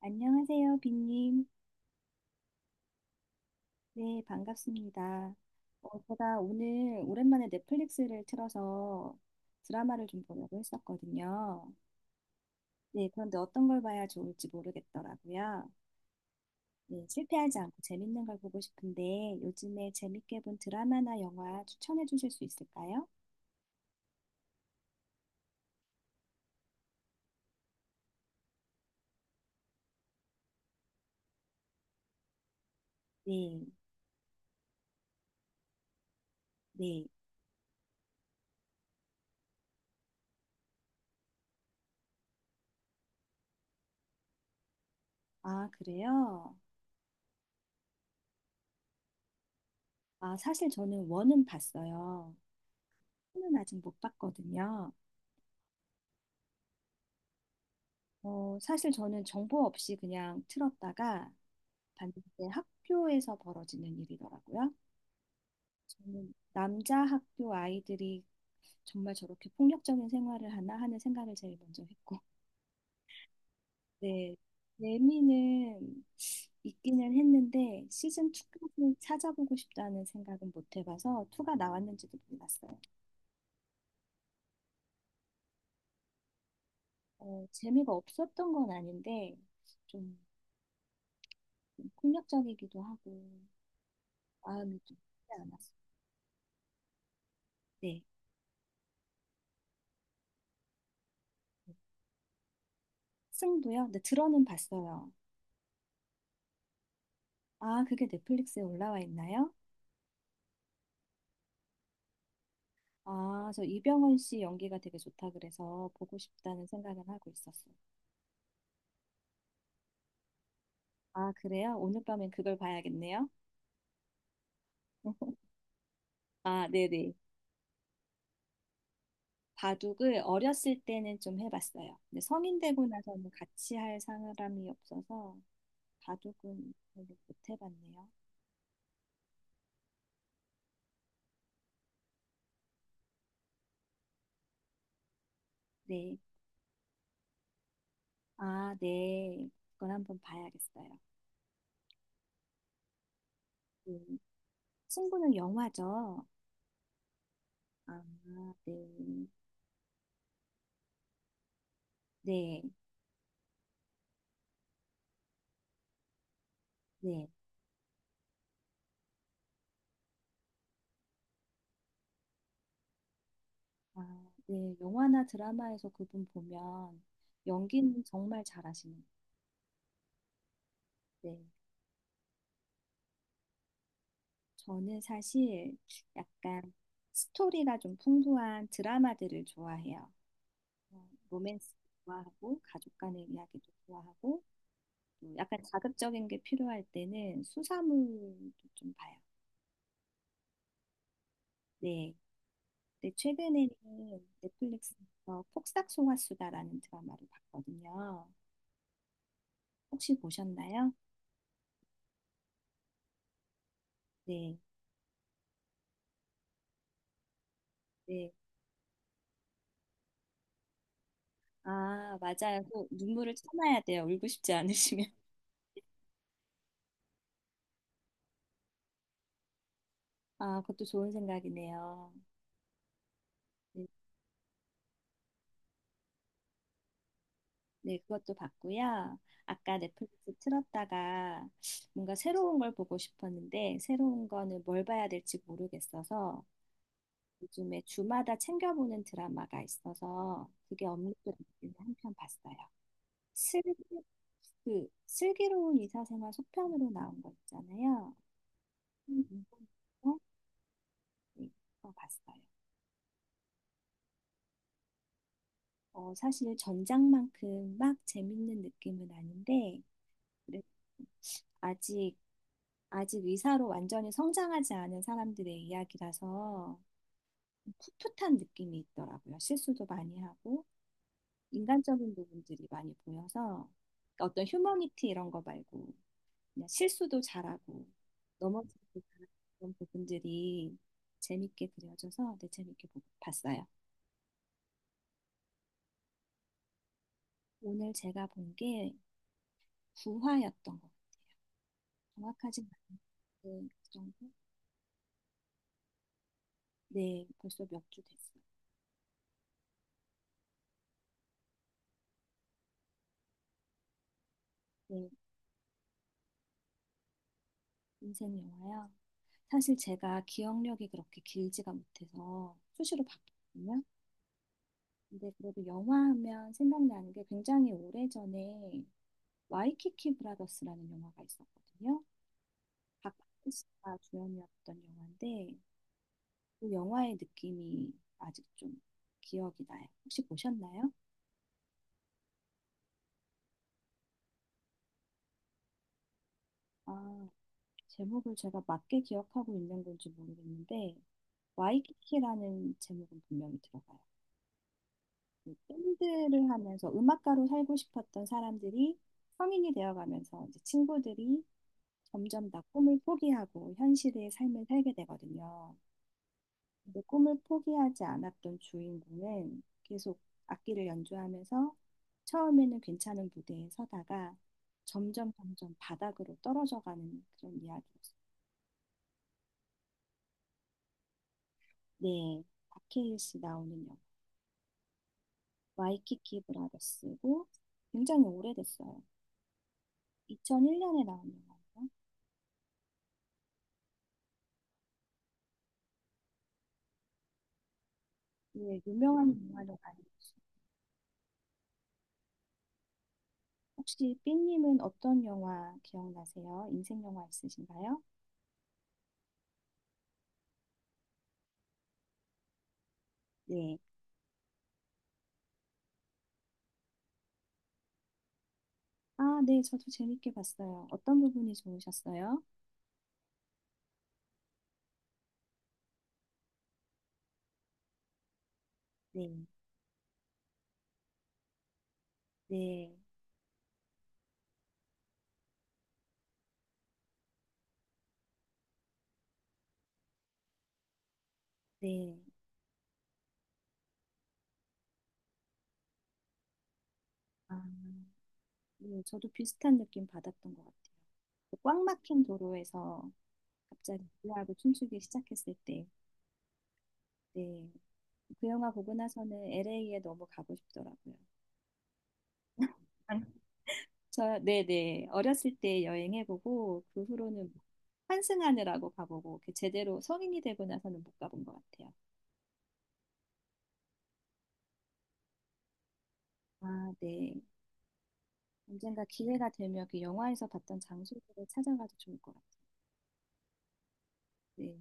안녕하세요, 빈님. 네, 반갑습니다. 제가 오늘 오랜만에 넷플릭스를 틀어서 드라마를 좀 보려고 했었거든요. 네, 그런데 어떤 걸 봐야 좋을지 모르겠더라고요. 네, 실패하지 않고 재밌는 걸 보고 싶은데 요즘에 재밌게 본 드라마나 영화 추천해 주실 수 있을까요? 네, 네. 아, 그래요? 아, 사실 저는 원은 봤어요. 투는 아직 못 봤거든요. 사실 저는 정보 없이 그냥 틀었다가 봤는데 학교에서 벌어지는 일이더라고요. 저는 남자 학교 아이들이 정말 저렇게 폭력적인 생활을 하나 하는 생각을 제일 먼저 했고, 네, 레미는 있기는 했는데 시즌 2까지 찾아보고 싶다는 생각은 못 해봐서 2가 나왔는지도 몰랐어요. 재미가 없었던 건 아닌데 좀 폭력적이기도 하고 마음이 좀 쉽지 않았어요. 네, 승도요? 근데 들어는 봤어요. 아, 그게 넷플릭스에 올라와 있나요? 아, 저 이병헌 씨 연기가 되게 좋다 그래서 보고 싶다는 생각은 하고 있었어요. 아, 그래요? 오늘 밤엔 그걸 봐야겠네요. 아, 네네. 바둑을 어렸을 때는 좀 해봤어요. 근데 성인 되고 나서는 같이 할 사람이 없어서 바둑은 별로 못 해봤네요. 네. 아, 네. 그걸 한번 봐야겠어요. 음, 친구는 영화죠. 아, 네. 네, 네. 아, 네, 영화나 드라마에서 그분 보면 연기는 정말 잘하시는 것 같아요. 네, 저는 사실 약간 스토리가 좀 풍부한 드라마들을 좋아해요. 로맨스 좋아하고 가족 간의 이야기도 좋아하고 또 약간 자극적인 게 필요할 때는 수사물도 좀 봐요. 네, 근데 최근에는 넷플릭스에서 폭삭 속았수다라는 드라마를 봤거든요. 혹시 보셨나요? 네, 네. 아, 맞아요. 그 눈물을 참아야 돼요. 울고 싶지 않으시면. 아, 그것도 좋은 생각이네요. 네, 네, 그것도 봤고요. 아까 넷플릭스 틀었다가 뭔가 새로운 걸 보고 싶었는데 새로운 거는 뭘 봐야 될지 모르겠어서 요즘에 주마다 챙겨보는 드라마가 있어서 그게 없는 것 같은데 한편 봤어요. 슬, 그 슬기로운 의사생활 속편으로 나온 거 있잖아요. 음. 음. 음. 네, 그거 봤어요. 사실 전작만큼 막 재밌는 느낌은 아닌데, 그래- 아직, 아직 의사로 완전히 성장하지 않은 사람들의 이야기라서 풋풋한 느낌이 있더라고요. 실수도 많이 하고, 인간적인 부분들이 많이 보여서, 어떤 휴머니티 이런 거 말고, 그냥 실수도 잘하고, 넘어지기도 잘하는 그런 부분들이 재밌게 그려져서 되게 재밌게 봤어요. 오늘 제가 본 게 구화였던 것 같아요. 정확하진 않은데, 그 정도? 네, 벌써 몇 주 됐어요. 네, 인생 영화요. 사실 제가 기억력이 그렇게 길지가 못해서 수시로 바뀌거든요. 근데 그래도 영화 하면 생각나는 게 굉장히 오래전에 와이키키 브라더스라는 영화가 있었거든요. 박하스 씨가 주연이었던 영화인데 그 영화의 느낌이 아직 좀 기억이 나요. 혹시 보셨나요? 아, 제목을 제가 맞게 기억하고 있는 건지 모르겠는데 와이키키라는 제목은 분명히 들어가요. 밴드를 하면서 음악가로 살고 싶었던 사람들이 성인이 되어가면서 이제 친구들이 점점 다 꿈을 포기하고 현실의 삶을 살게 되거든요. 근데 꿈을 포기하지 않았던 주인공은 계속 악기를 연주하면서 처음에는 괜찮은 무대에 서다가 점점 점점 바닥으로 떨어져가는 그런 이야기였어요. 네, 박해일 씨 나오는 영화 와이키키 브라더스고 굉장히 오래됐어요. 2001년에 나온 영화예요. 네, 유명한 영화로 가는 거죠. 혹시 삐님은 어떤 영화 기억나세요? 인생 영화 있으신가요? 네. 아, 네, 저도 재밌게 봤어요. 어떤 부분이 좋으셨어요? 네, 네, 네. 아, 네, 저도 비슷한 느낌 받았던 것 같아요. 그 꽉 막힌 도로에서 갑자기 노래하고 춤추기 시작했을 때, 네, 그 영화 보고 나서는 LA에 너무 가고 싶더라고요. 저, 네네. 어렸을 때 여행해보고, 그 후로는 환승하느라고 가보고, 이렇게 제대로 성인이 되고 나서는 못 가본 것 같아요. 아, 네. 언젠가 기회가 되면 그 영화에서 봤던 장소들을 찾아가도 좋을 것 같아요. 네,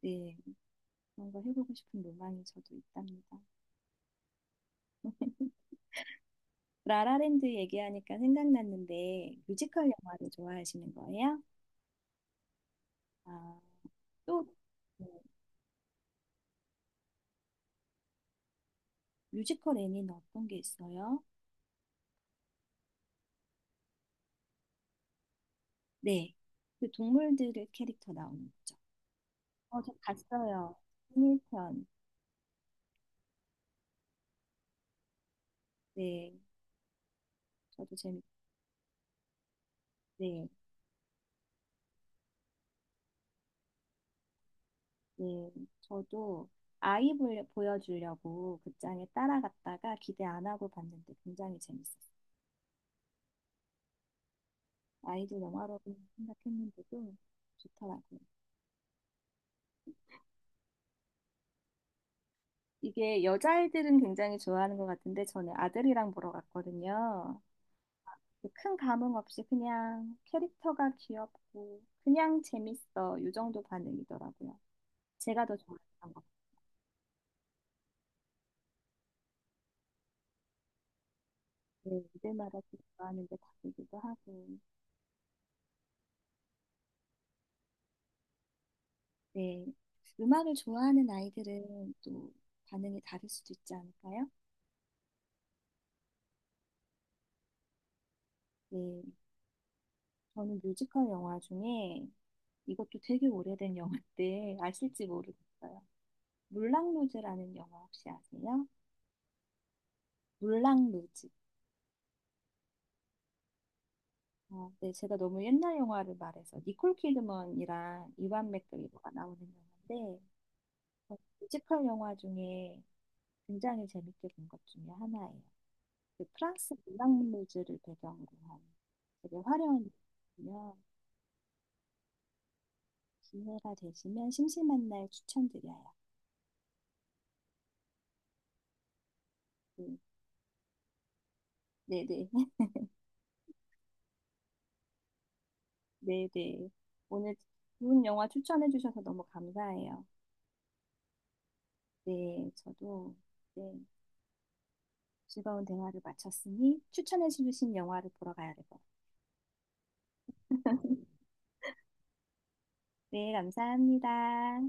네. 그런 거 해보고 싶은 로망이 저도 있답니다. 라라랜드 얘기하니까 생각났는데, 뮤지컬 영화를 좋아하시는 거예요? 아, 또, 네. 뮤지컬 애니는 어떤 게 있어요? 네. 그 동물들의 캐릭터 나오는 거죠. 어, 저 봤어요. 흥일편. 네, 저도 재밌, 네, 네. 저도 보여주려고 극장에 따라갔다가 기대 안 하고 봤는데 굉장히 재밌었어요. 아이들 영화로 생각했는데도 좋더라고요. 이게 여자아이들은 굉장히 좋아하는 것 같은데 저는 아들이랑 보러 갔거든요. 큰 감흥 없이 그냥 캐릭터가 귀엽고 그냥 재밌어. 이 정도 반응이더라고요. 제가 더 좋아했던 것 네, 무대마다 또 좋아하는 게 다르기도 하고, 네, 음악을 좋아하는 아이들은 또 반응이 다를 수도 있지 않을까요? 네, 저는 뮤지컬 영화 중에 이것도 되게 오래된 영화인데 아실지 모르겠어요. 물랑루즈라는 영화 혹시 아세요? 물랑루즈. 네, 제가 너무 옛날 영화를 말해서 니콜 키드먼이랑 이완 맥그리거가 나오는 영화인데 뮤지컬 영화 중에 굉장히 재밌게 본 것 중에 하나예요. 그 프랑스 문학무즈를 배경으로 한 되게 화려한 거요. 기회가 되시면 심심한 날 추천드려요. 음, 네네. 네네. 오늘 좋은 영화 추천해 주셔서 너무 감사해요. 네, 저도 네, 즐거운 대화를 마쳤으니 추천해 주신 영화를 보러 가야 될 것 같아요. 네, 감사합니다.